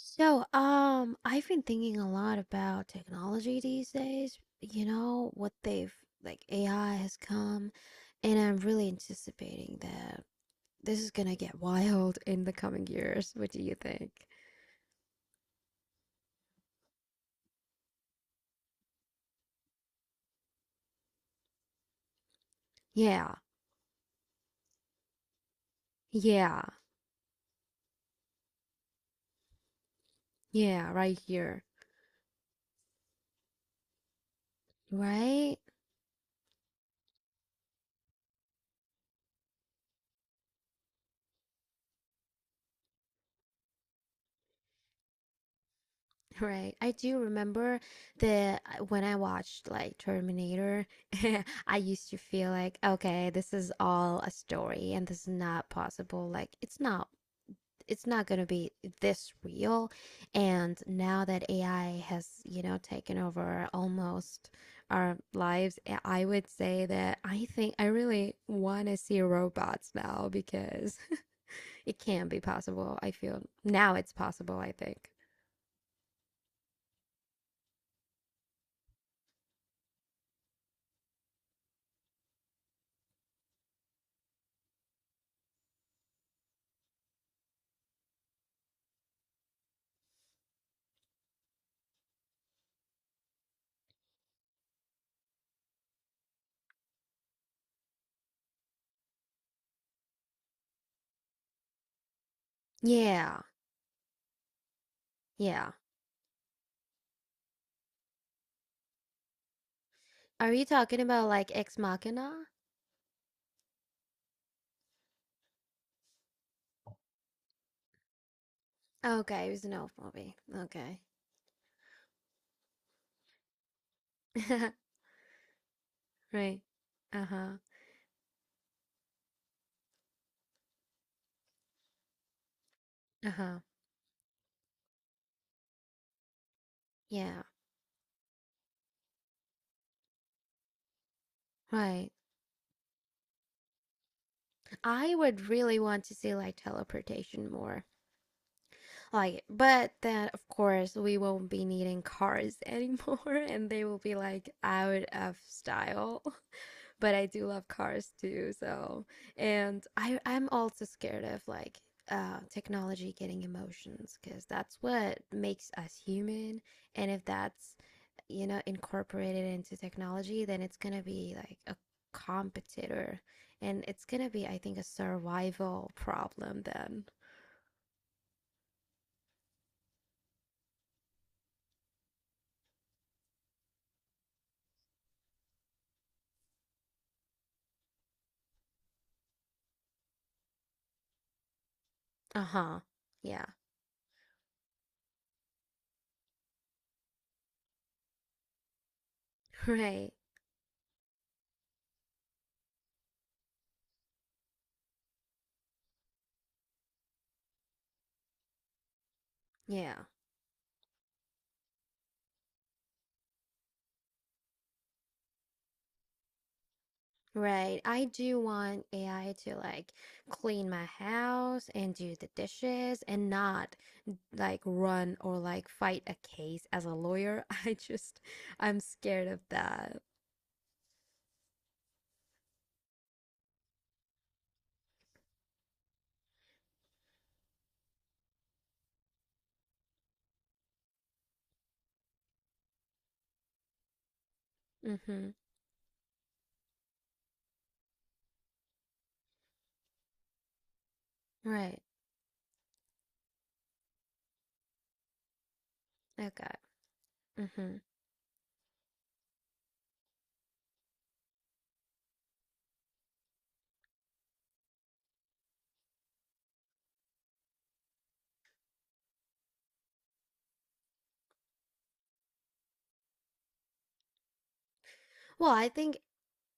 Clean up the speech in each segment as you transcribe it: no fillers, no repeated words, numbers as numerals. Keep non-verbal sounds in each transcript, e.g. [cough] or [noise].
So, I've been thinking a lot about technology these days, you know, what they've like AI has come, and I'm really anticipating that this is gonna get [laughs] wild in the coming years. What do you think? Yeah, yeah, yeah, right here. Right? Right. I do remember when I watched like Terminator. [laughs] I used to feel like, okay, this is all a story and this is not possible. Like, it's not going to be this real. And now that ai has taken over almost our lives, would say that I think I really want to see robots now, because [laughs] it can be possible. I feel now it's possible, I think. Yeah, yeah. Are you talking about like Ex Machina? Okay, it was an old movie. Okay. [laughs] Right. Uh-huh. Uh-huh. Yeah. Right. I would really want to see like teleportation more. Like, but then of course we won't be needing cars anymore [laughs] and they will be like out of style. [laughs] But I do love cars too, so. And I'm also scared of like technology getting emotions, because that's what makes us human. And if that's, you know, incorporate it into technology, then it's gonna be like a competitor. And it's gonna be, I think, a survival problem then. Uh-huh. Yeah. [laughs] Right. Yeah. Right. I do want AI to like clean my house and do the dishes, and not like run or like fight a case as a lawyer. [laughs] I just, I'm scared of that. Mm-hmm. Right. Okay. Mm-hmm. Well, I think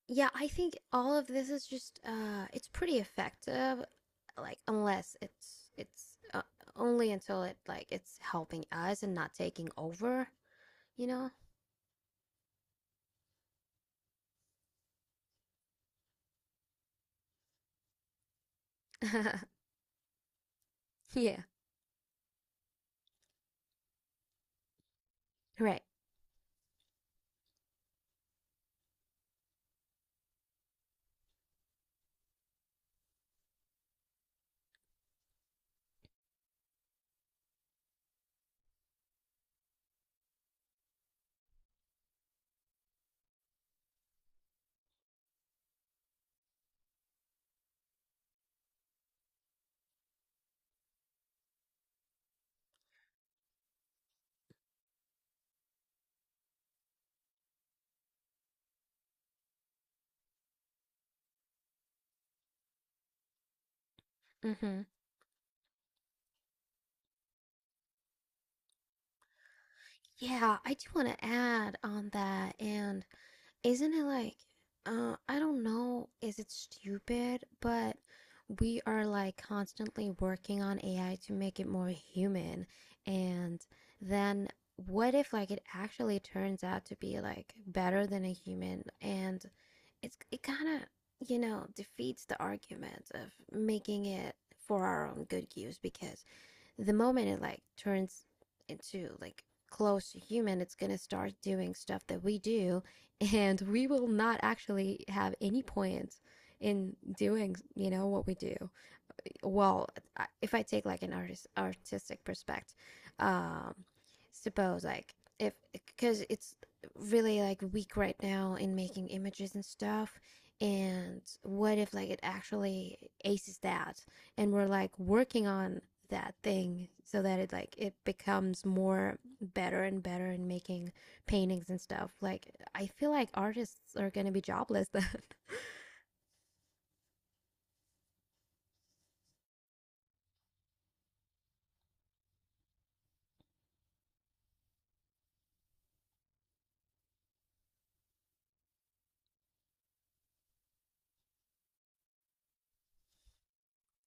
Yeah, I think all of this is just it's pretty effective, like unless it's only until it like it's helping us and not taking over, you know? [laughs] Yeah, right. Mhm. Yeah, I do want to add on that and Isn't it like, I don't know, is it stupid? But we are like constantly working on AI to make it more human. And then what if like it actually turns out to be like better than a human? And it kind of, defeats the argument of making it for our own good use, because the moment it like turns into like close to human, it's gonna start doing stuff that we do, and we will not actually have any point in doing, what we do. Well, if I take like an artistic perspective, um suppose like if, because it's really like weak right now in making images and stuff. And what if like it actually aces that, and we're like working on that thing so that it like it becomes more better and better in making paintings and stuff. Like, I feel like artists are gonna be jobless then.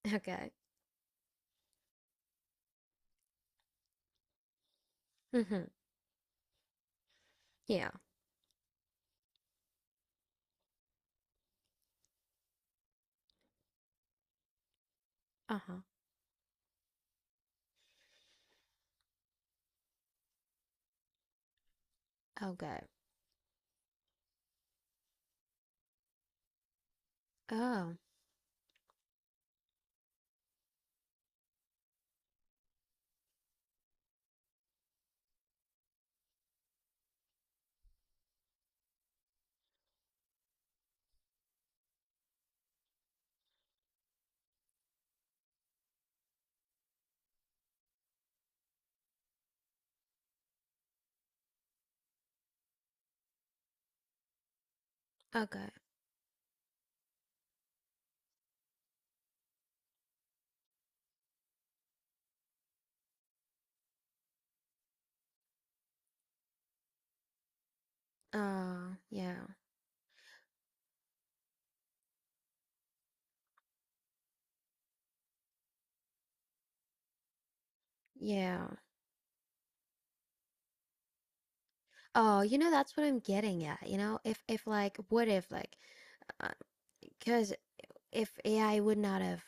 [laughs] Okay. Hmm. Yeah. Uh-huh. Okay. Oh. Okay. Yeah. Yeah. Oh, that's what I'm getting at. If like, what if like, because if AI would not have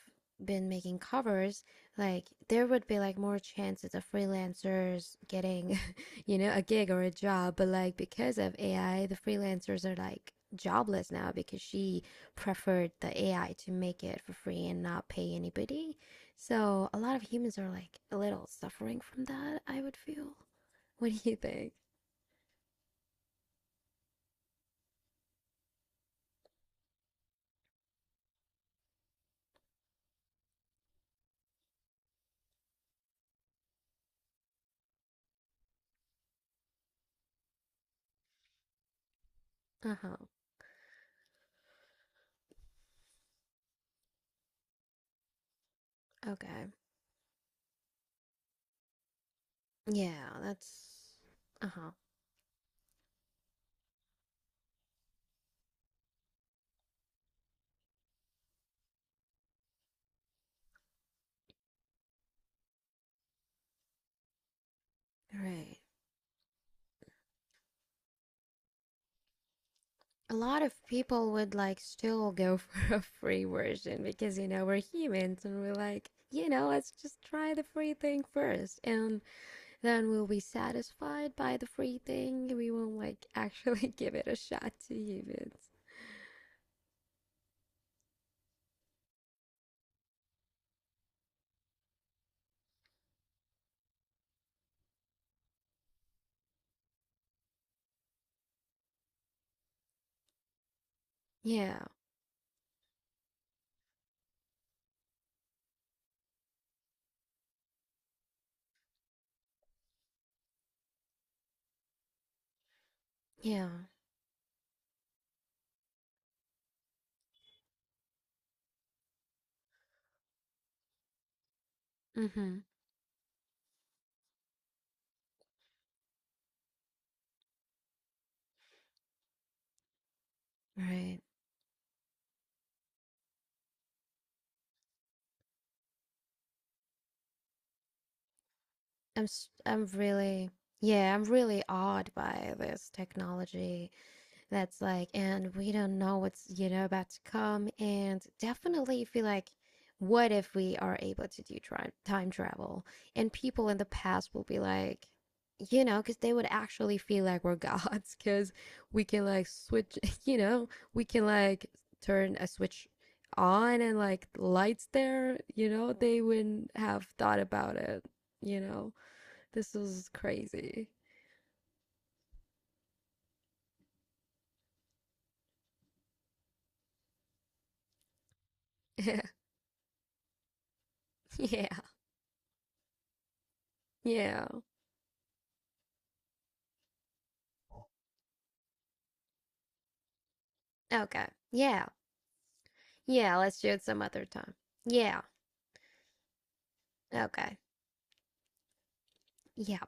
been making covers, like there would be like more chances of freelancers getting, [laughs] a gig or a job. But like because of AI, the freelancers are like jobless now, because she preferred the AI to make it for free and not pay anybody. So a lot of humans are like a little suffering from that, I would feel. What do you think? Uh huh. Okay. Yeah, that's. Uh huh. Right. A lot of people would like still go [laughs] for a free version because, we're humans and we're like, let's just try the free thing first. And then we'll be satisfied by the free thing. We won't like [laughs] actually give it a shot to humans. Yeah. Yeah. Mm hmm. Right. I'm, I I'm really, yeah, I'm really awed by this technology. That's like, and we don't know what's about to come. And definitely feel like, what if we are able to do time travel? And people in the past will be like, because they would actually feel like we're [laughs] gods, because we can like switch, [laughs] you know, we can like turn a switch on and like lights there, they wouldn't have thought about it, you know. This is crazy. [laughs] Yeah. Yeah. Yeah. Okay. Yeah. Yeah, let's do it some other time. Yeah, okay. Yeah.